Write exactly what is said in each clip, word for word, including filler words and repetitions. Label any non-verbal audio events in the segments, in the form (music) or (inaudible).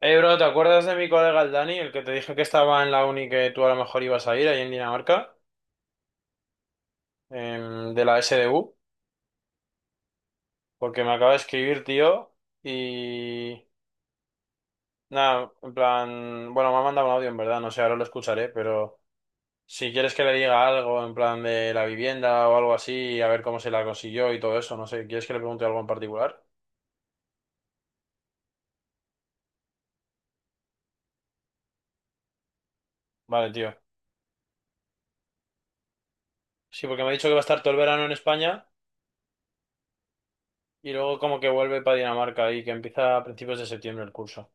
Hey, bro, ¿te acuerdas de mi colega el Dani, el que te dije que estaba en la uni que tú a lo mejor ibas a ir ahí en Dinamarca, em, de la S D U? Porque me acaba de escribir, tío, y nada, en plan, bueno, me ha mandado un audio en verdad, no sé, ahora lo escucharé, pero si quieres que le diga algo en plan de la vivienda o algo así, a ver cómo se la consiguió y todo eso, no sé, ¿quieres que le pregunte algo en particular? Vale, tío. Sí, porque me ha dicho que va a estar todo el verano en España y luego como que vuelve para Dinamarca y que empieza a principios de septiembre el curso.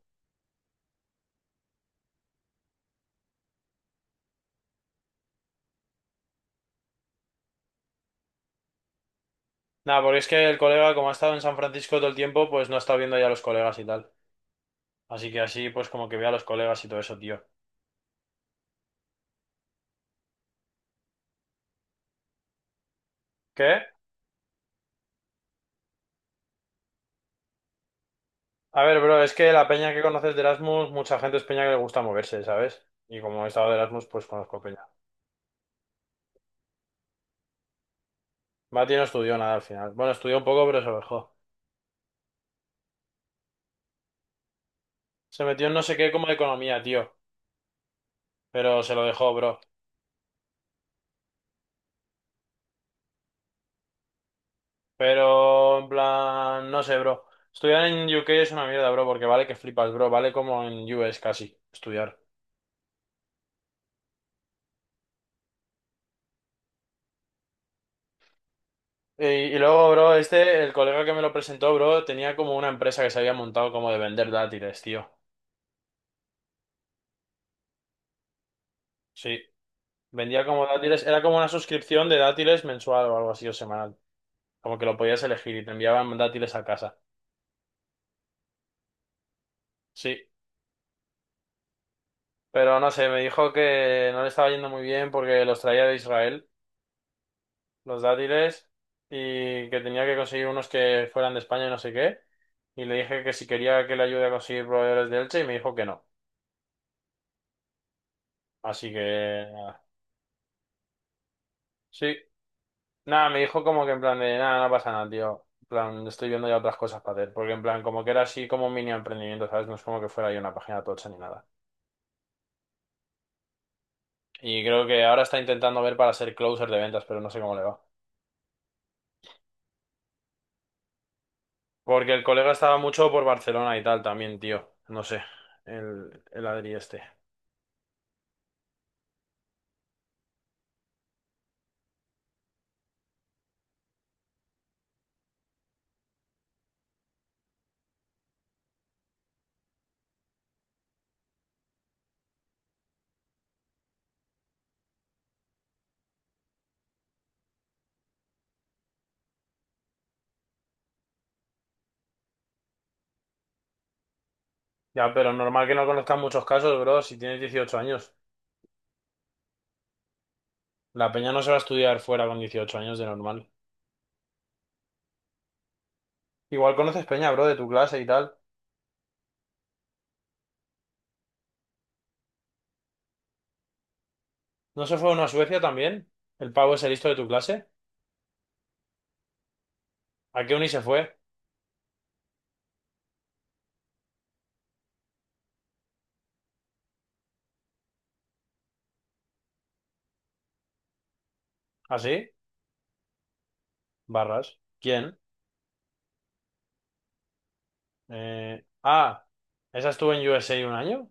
Nada, porque es que el colega, como ha estado en San Francisco todo el tiempo, pues no ha estado viendo ya a los colegas y tal. Así que así, pues como que ve a los colegas y todo eso, tío. ¿Qué? A ver, bro, es que la peña que conoces de Erasmus, mucha gente es peña que le gusta moverse, ¿sabes? Y como he estado de Erasmus, pues conozco peña. Mati no estudió nada al final. Bueno, estudió un poco, pero se lo dejó. Se metió en no sé qué como de economía, tío. Pero se lo dejó, bro. Pero, en plan, no sé, bro. Estudiar en U K es una mierda, bro, porque vale que flipas, bro. Vale como en U S casi, estudiar. Y, y luego, bro, este, el colega que me lo presentó, bro, tenía como una empresa que se había montado como de vender dátiles, tío. Sí, vendía como dátiles, era como una suscripción de dátiles mensual o algo así o semanal. Como que lo podías elegir y te enviaban dátiles a casa. Sí, pero no sé, me dijo que no le estaba yendo muy bien porque los traía de Israel, los dátiles, y que tenía que conseguir unos que fueran de España y no sé qué. Y le dije que si quería que le ayude a conseguir proveedores de Elche y me dijo que no. Así que nada. Sí. Nada, me dijo como que en plan de nada, no pasa nada, tío. En plan, estoy viendo ya otras cosas para hacer. Porque en plan, como que era así como un mini emprendimiento, ¿sabes? No es como que fuera ahí una página tocha ni nada. Y creo que ahora está intentando ver para ser closer de ventas, pero no sé cómo le va. Porque el colega estaba mucho por Barcelona y tal también, tío. No sé. El, el Adri este. Ya, pero normal que no conozcan muchos casos, bro, si tienes dieciocho años. La peña no se va a estudiar fuera con dieciocho años de normal. Igual conoces peña, bro, de tu clase y tal. ¿No se fue uno a Suecia también? ¿El pavo ese listo de tu clase? ¿A qué uni se fue? ¿Así? Barras. ¿Quién? Eh, ah, ¿esa estuvo en U S A un año?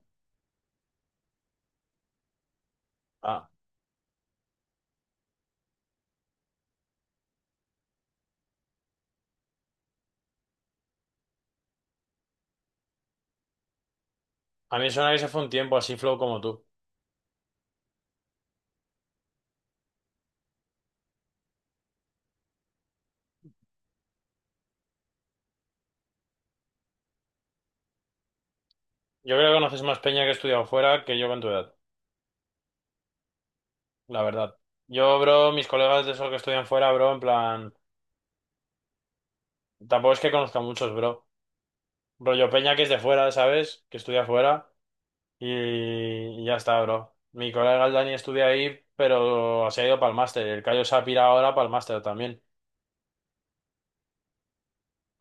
Ah, a mí me suena que se fue un tiempo así flow como tú. Yo creo que conoces más peña que he estudiado fuera que yo con tu edad, la verdad. Yo, bro, mis colegas de esos que estudian fuera, bro, en plan, tampoco es que conozca muchos, bro. Rollo peña que es de fuera, ¿sabes? Que estudia fuera y, y ya está, bro. Mi colega el Dani estudia ahí, pero se ha ido para el máster. El Cayo se ha pirado ahora para el máster también.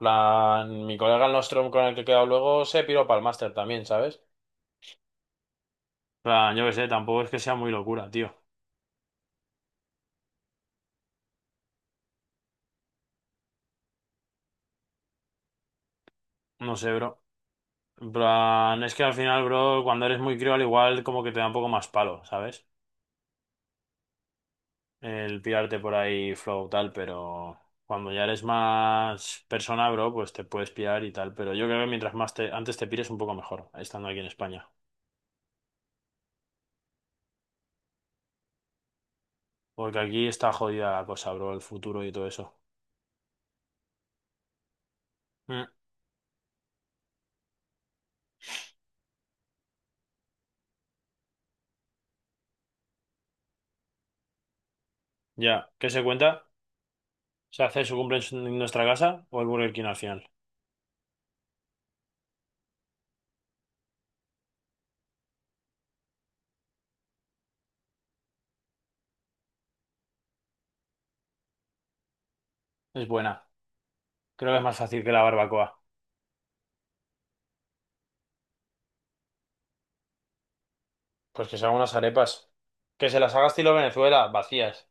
Plan, mi colega el Nostrum con el que he quedado luego se piró para el máster también, ¿sabes? Plan, yo qué sé, tampoco es que sea muy locura, tío. No sé, bro. En plan, es que al final, bro, cuando eres muy crío, al igual como que te da un poco más palo, ¿sabes? El pirarte por ahí flow tal, pero cuando ya eres más persona, bro, pues te puedes pirar y tal. Pero yo creo que mientras más te, antes te pires, un poco mejor, estando aquí en España. Porque aquí está jodida la cosa, bro, el futuro y todo eso. Mm, ya, ¿qué se cuenta? Se hace su cumple en en nuestra casa o el Burger King al final. Es buena. Creo que es más fácil que la barbacoa. Pues que se hagan unas arepas. Que se las haga estilo Venezuela, vacías.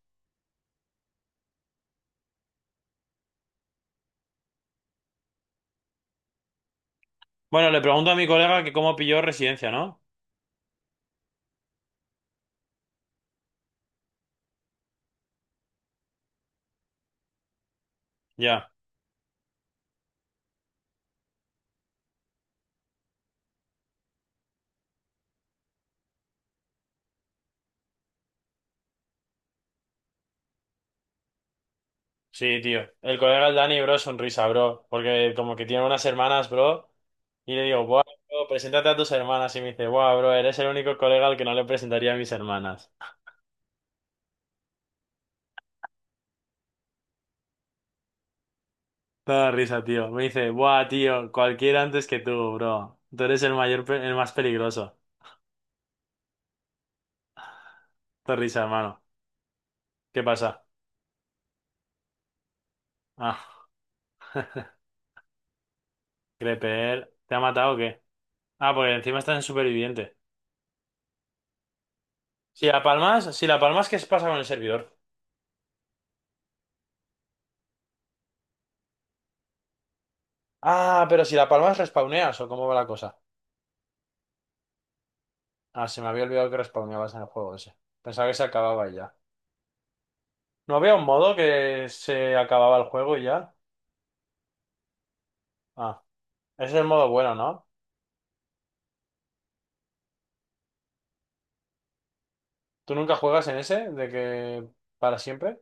Bueno, le pregunto a mi colega que cómo pilló residencia, ¿no? Ya. Sí, tío. El colega el Dani, bro, sonrisa, bro. Porque como que tiene unas hermanas, bro. Y le digo, buah, bro, preséntate a tus hermanas. Y me dice, buah, bro, eres el único colega al que no le presentaría a mis hermanas. Toda risa, tío. Me dice, buah, tío, cualquiera antes que tú, bro. Tú eres el mayor, pe- el más peligroso. Te risa, hermano. ¿Qué pasa? Ah, (laughs) Creper, ¿te ha matado o qué? Ah, porque encima estás en superviviente. Si la palmas, si la palmas, ¿qué se pasa con el servidor? Ah, pero si la palmas respawneas o cómo va la cosa. Ah, se me había olvidado que respawneabas en el juego ese. Pensaba que se acababa y ya. ¿No había un modo que se acababa el juego y ya? Ah, ese es el modo bueno, ¿no? ¿Tú nunca juegas en ese? ¿De que para siempre?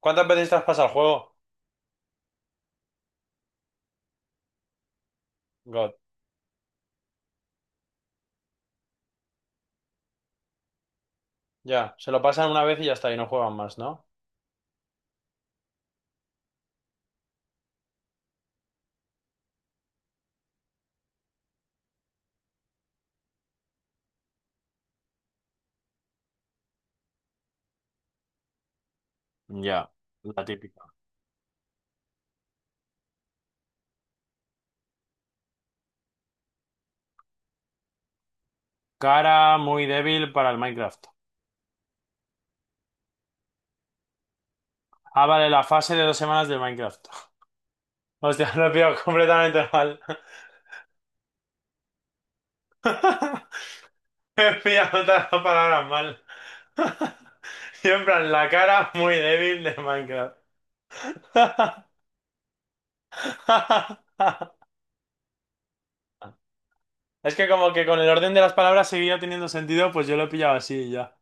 ¿Cuántas veces te has pasado el juego? God. Ya, se lo pasan una vez y ya está, y no juegan más, ¿no? Ya, la típica. Cara muy débil para el Minecraft. Ah, vale, la fase de dos semanas del Minecraft. (laughs) Hostia, lo he pillado completamente mal. (laughs) He pillado todas las palabras mal. (laughs) Y en plan, la cara muy débil de Minecraft. (laughs) Es que como que con el orden de las palabras seguía teniendo sentido, pues yo lo he pillado así y ya.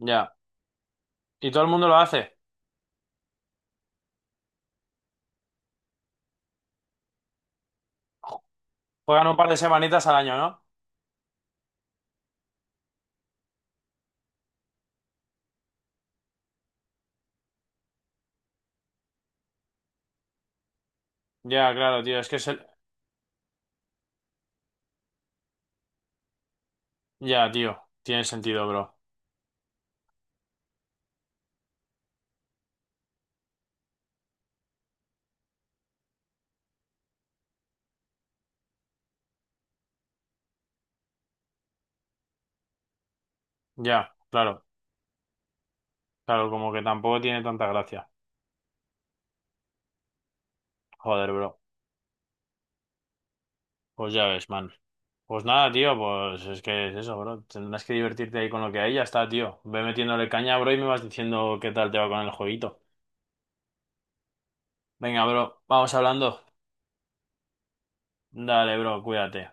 Ya. Y todo el mundo lo hace. Juegan un par de semanitas al año, ¿no? Ya, claro, tío. Es que es el... Ya, tío. Tiene sentido, bro. Ya, claro. Claro, como que tampoco tiene tanta gracia. Joder, bro. Pues ya ves, man. Pues nada, tío, pues es que es eso, bro. Tendrás que divertirte ahí con lo que hay, ya está, tío. Ve metiéndole caña, bro, y me vas diciendo qué tal te va con el jueguito. Venga, bro, vamos hablando. Dale, bro, cuídate.